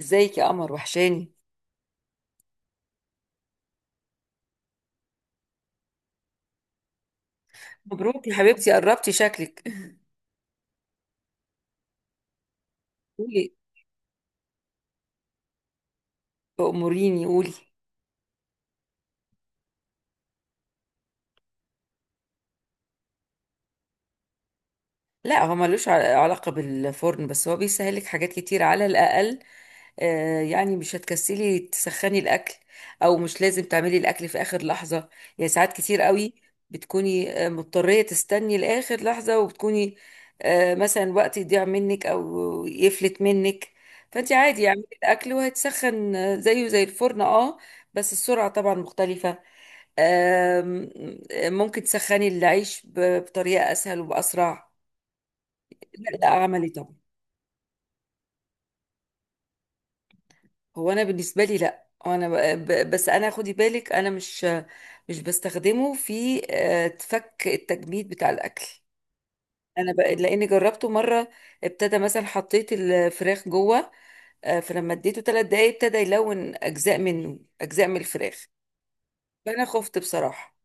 ازيك يا قمر؟ وحشاني. مبروك يا حبيبتي، قربتي شكلك. قولي، أموريني قولي. لا، هو ملوش علاقة بالفرن، بس هو بيسهلك حاجات كتير على الأقل. يعني مش هتكسلي تسخني الأكل، أو مش لازم تعملي الأكل في آخر لحظة. يعني ساعات كتير قوي بتكوني مضطرية تستني لآخر لحظة، وبتكوني مثلا وقت يضيع منك أو يفلت منك. فأنت عادي اعملي الأكل وهيتسخن، زيه زي الفرن، اه. بس السرعة طبعا مختلفة. آم، ممكن تسخني العيش بطريقة أسهل وبأسرع. لا، عملي طبعا. هو انا بالنسبه لي لا، انا بس انا خدي بالك، انا مش بستخدمه في تفك التجميد بتاع الاكل. لاني جربته مره، ابتدى مثلا حطيت الفراخ جوه. فلما اديته ثلاث دقايق ابتدى يلون اجزاء منه، اجزاء من الفراخ. فانا خفت بصراحه.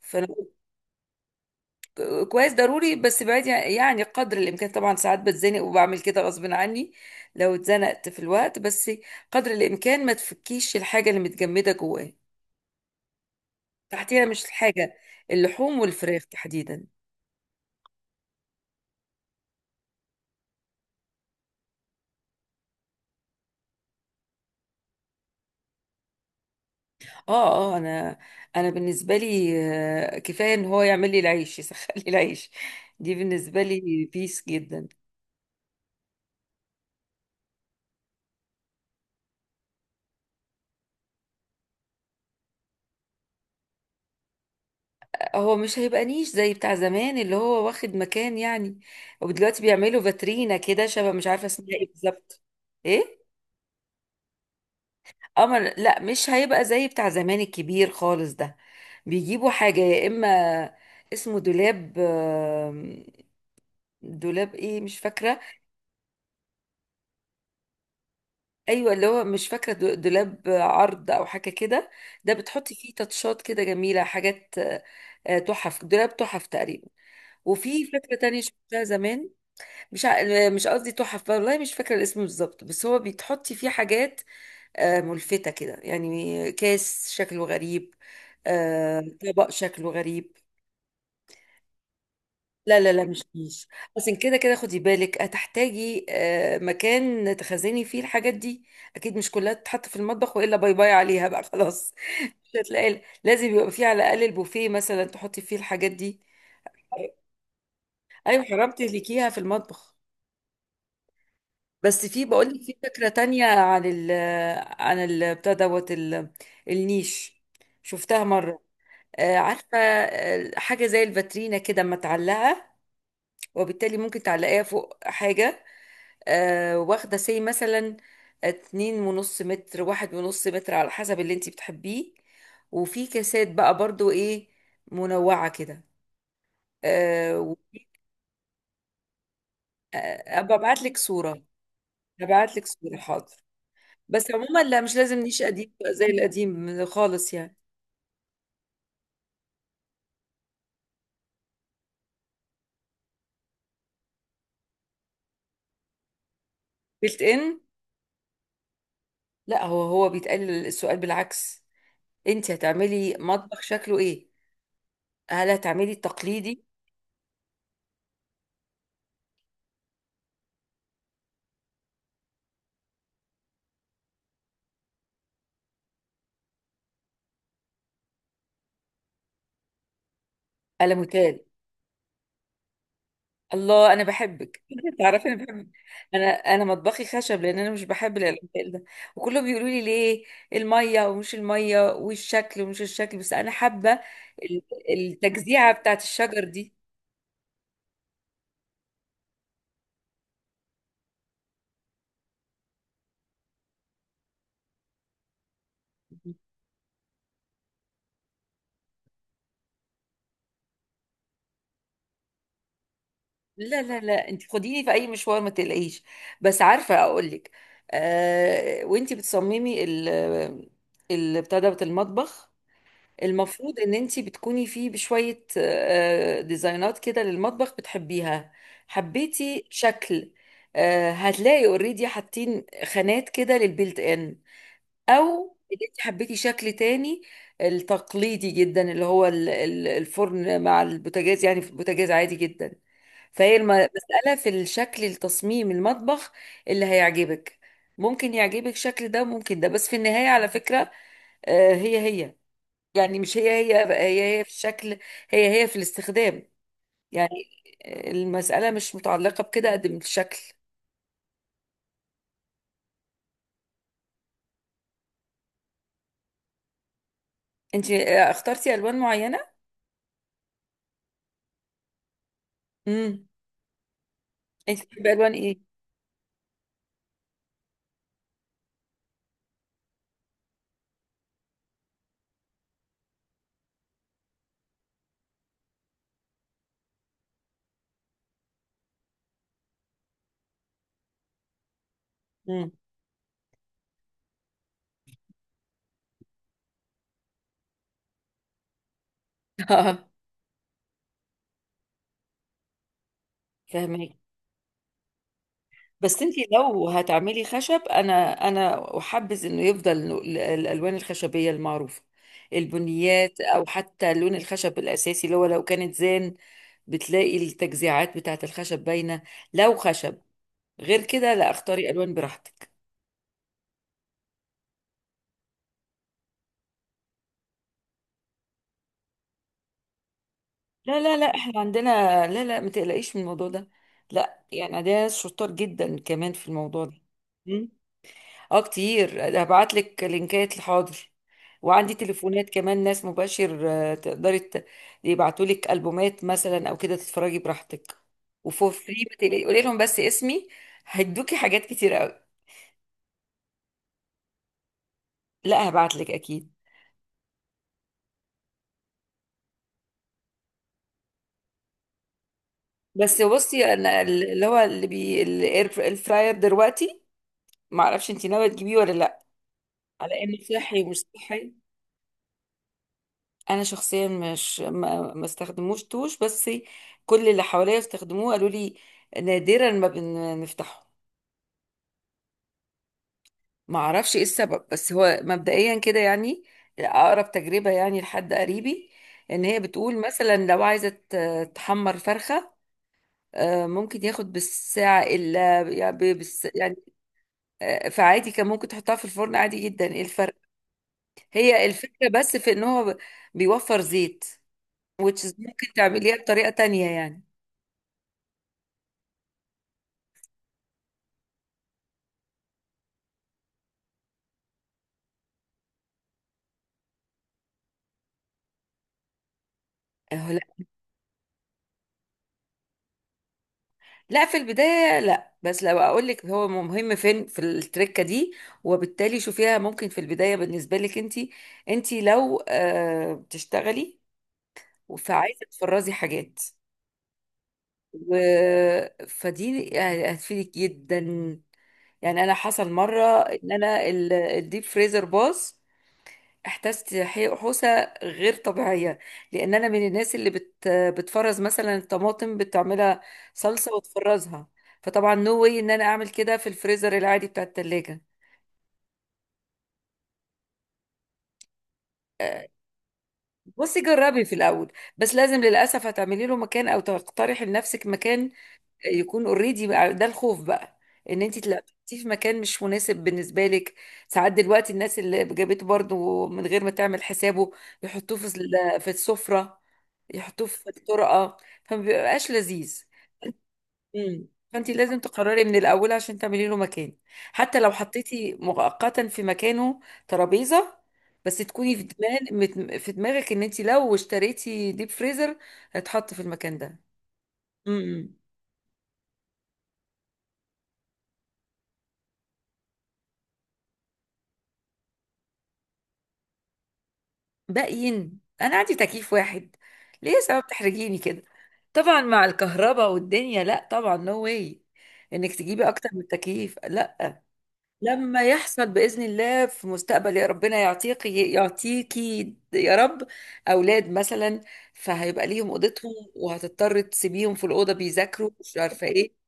فانا كويس ضروري، بس بعيد يعني قدر الامكان. طبعا ساعات بتزنق وبعمل كده غصب عني، لو اتزنقت في الوقت. بس قدر الامكان ما تفكيش الحاجه اللي متجمده جواه، تحتيها مش الحاجه. اللحوم والفراخ تحديدا. اه اه انا انا بالنسبه لي، كفايه ان هو يعمل لي العيش يسخن لي العيش. دي بالنسبه لي بيس جدا. هو مش هيبقى نيش زي بتاع زمان اللي هو واخد مكان يعني، ودلوقتي بيعملوا فاترينا كده شبه، مش عارفه اسمها ايه بالظبط. ايه؟ قمر، لا مش هيبقى زي بتاع زمان الكبير خالص ده. بيجيبوا حاجة، يا إما اسمه دولاب، دولاب ايه مش فاكرة. ايوه، اللي هو مش فاكرة دولاب عرض او حاجة كده. ده بتحطي فيه تاتشات كده جميلة، حاجات آه،، تحف، دولاب تحف تقريبا. وفي فكرة تانية شفتها زمان. مش ع... مش قصدي تحف، والله مش فاكرة الاسم بالظبط، بس هو بتحطي فيه حاجات ملفتة كده، يعني كاس شكله غريب، طبق شكله غريب. لا لا لا، مش كيس. بس كده كده خدي بالك، هتحتاجي مكان تخزني فيه الحاجات دي. اكيد مش كلها تتحط في المطبخ، والا باي باي عليها بقى خلاص. مش هتلاقي، لازم يبقى فيه على الاقل البوفيه مثلا تحطي فيه الحاجات دي. ايوه، حرام تهلكيها في المطبخ. بس في، بقول لك في فكرة تانية عن ال بتاع دوت النيش، شفتها مرة. عارفة، حاجة زي الفاترينا كده اما تعلقها، وبالتالي ممكن تعلقيها فوق حاجة. واخدة سي مثلا اتنين ونص متر، واحد ونص متر، على حسب اللي انتي بتحبيه. وفي كاسات بقى برضو ايه، منوعة كده آه،. ابقى ابعت لك صورة. هبعت لك صورة، حاضر. بس عموما لا، مش لازم نيش قديم بقى زي القديم خالص يعني. بيلت ان. لا، هو هو بيتقال السؤال بالعكس. انتي هتعملي مطبخ شكله ايه؟ هل هتعملي التقليدي؟ ألا مثال، الله انا بحبك تعرفي انا بحبك. انا مطبخي خشب، لان انا مش بحب الالمثال ده، وكلهم بيقولوا لي ليه، الميه ومش الميه، والشكل ومش الشكل، بس انا حابه ال- التجزيعه بتاعت الشجر دي. لا، انت خديني في اي مشوار ما تقلقيش، بس عارفه اقول لك. آه، وانت بتصممي ال بتاع دوت المطبخ، المفروض ان انتي بتكوني فيه بشوية ديزاينات كده للمطبخ بتحبيها. حبيتي شكل، هتلاقي اوريدي حاطين خانات كده للبيلت ان، او ان انتي حبيتي شكل تاني. التقليدي جدا اللي هو الفرن مع البوتاجاز، يعني في البوتاجاز عادي جدا. فهي المسألة في الشكل، التصميم المطبخ اللي هيعجبك. ممكن يعجبك شكل ده، ممكن ده، بس في النهاية على فكرة هي هي. يعني مش هي هي بقى، هي هي في الشكل، هي هي في الاستخدام. يعني المسألة مش متعلقة بكده قد من الشكل. انت اخترتي الوان معينة؟ امم. انت بتحبي الوان ايه؟ امم، اه، فهمك بس انت لو هتعملي خشب، انا احبذ انه يفضل الالوان الخشبية المعروفة، البنيات، او حتى لون الخشب الاساسي اللي هو لو كانت زان، بتلاقي التجزيعات بتاعت الخشب باينة. لو خشب، غير كده لا اختاري الوان براحتك. لا، احنا عندنا، لا لا ما تقلقيش من الموضوع ده. لا، يعني عندنا ناس شطار جدا كمان في الموضوع ده. مم. اه كتير، هبعت لك لينكات الحاضر، وعندي تليفونات كمان، ناس مباشر، تقدري يبعتوا لك البومات مثلا او كده تتفرجي براحتك. وفور فري، ما تقلقي، قولي لهم بس اسمي. هيدوكي حاجات كتير قوي. لا هبعت لك اكيد. بس بصي، انا اللي هو اللي بي، الفراير دلوقتي، ما اعرفش انت ناويه تجيبيه ولا لا، على انه صحي ومش صحي. انا شخصيا مش، ما استخدموش توش، بس كل اللي حواليا استخدموه قالوا لي نادرا ما بنفتحه. ما اعرفش ايه السبب، بس هو مبدئيا كده يعني. اقرب تجربة يعني لحد قريبي، ان هي بتقول مثلا لو عايزة تحمر فرخة، ممكن ياخد بالساعة إلا يعني، يعني، فعادي كان ممكن تحطها في الفرن عادي جدا، ايه الفرق؟ هي الفكرة بس في ان هو بيوفر زيت، which is ممكن تعمليها بطريقة تانية يعني. لا، في البداية لا، بس لو اقول لك، هو مهم فين في التركة دي. وبالتالي شوفيها ممكن في البداية بالنسبة لك، انت انت لو بتشتغلي فعايزة تفرزي حاجات، و... فدي يعني هتفيدك جدا. يعني انا حصل مرة ان انا الديب فريزر باظ، احتجت حوسه غير طبيعيه، لان انا من الناس اللي بتفرز مثلا الطماطم، بتعملها صلصه وتفرزها. فطبعا نو واي ان انا اعمل كده في الفريزر العادي بتاع التلاجة. بصي جربي في الاول، بس لازم للاسف هتعملي له مكان، او تقترحي لنفسك مكان يكون اوريدي. ده الخوف بقى، ان انت تلاقيه في مكان مش مناسب بالنسبه لك. ساعات دلوقتي الناس اللي جابته برضو من غير ما تعمل حسابه، يحطوه في في السفره، يحطوه في الطرقه، فما بيبقاش لذيذ. امم، فانت لازم تقرري من الاول عشان تعملي له مكان. حتى لو حطيتي مؤقتا في مكانه ترابيزه، بس تكوني في دماغك ان انت لو اشتريتي ديب فريزر هتحط في المكان ده. امم. باقيين، انا عندي تكييف واحد، ليه يا سبب تحرجيني كده؟ طبعا مع الكهرباء والدنيا، لا طبعا نو واي انك تجيبي اكتر من تكييف، لا. لما يحصل باذن الله في مستقبل، يا ربنا يعطيك، يعطيكي يا رب، اولاد مثلا، فهيبقى ليهم اوضتهم، وهتضطر تسيبيهم في الاوضه بيذاكروا مش عارفه ايه.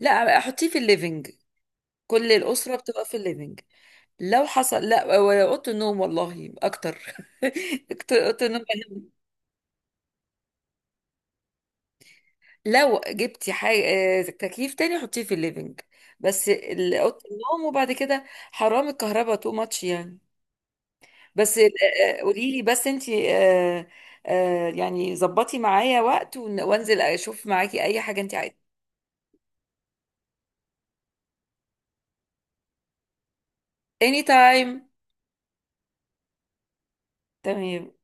لا احطيه في الليفينج، كل الاسره بتبقى في الليفينج. لو حصل لا، ولا اوضه النوم والله اكتر اوضه النوم. لو جبتي حاجة تكييف تاني، حطيه في الليفينج، بس اوضه النوم وبعد كده حرام، الكهرباء تو ماتش يعني. بس قولي لي، بس انتي يعني ظبطي معايا وقت وانزل اشوف معاكي اي حاجة انتي عايزة. اني تايم. تمام.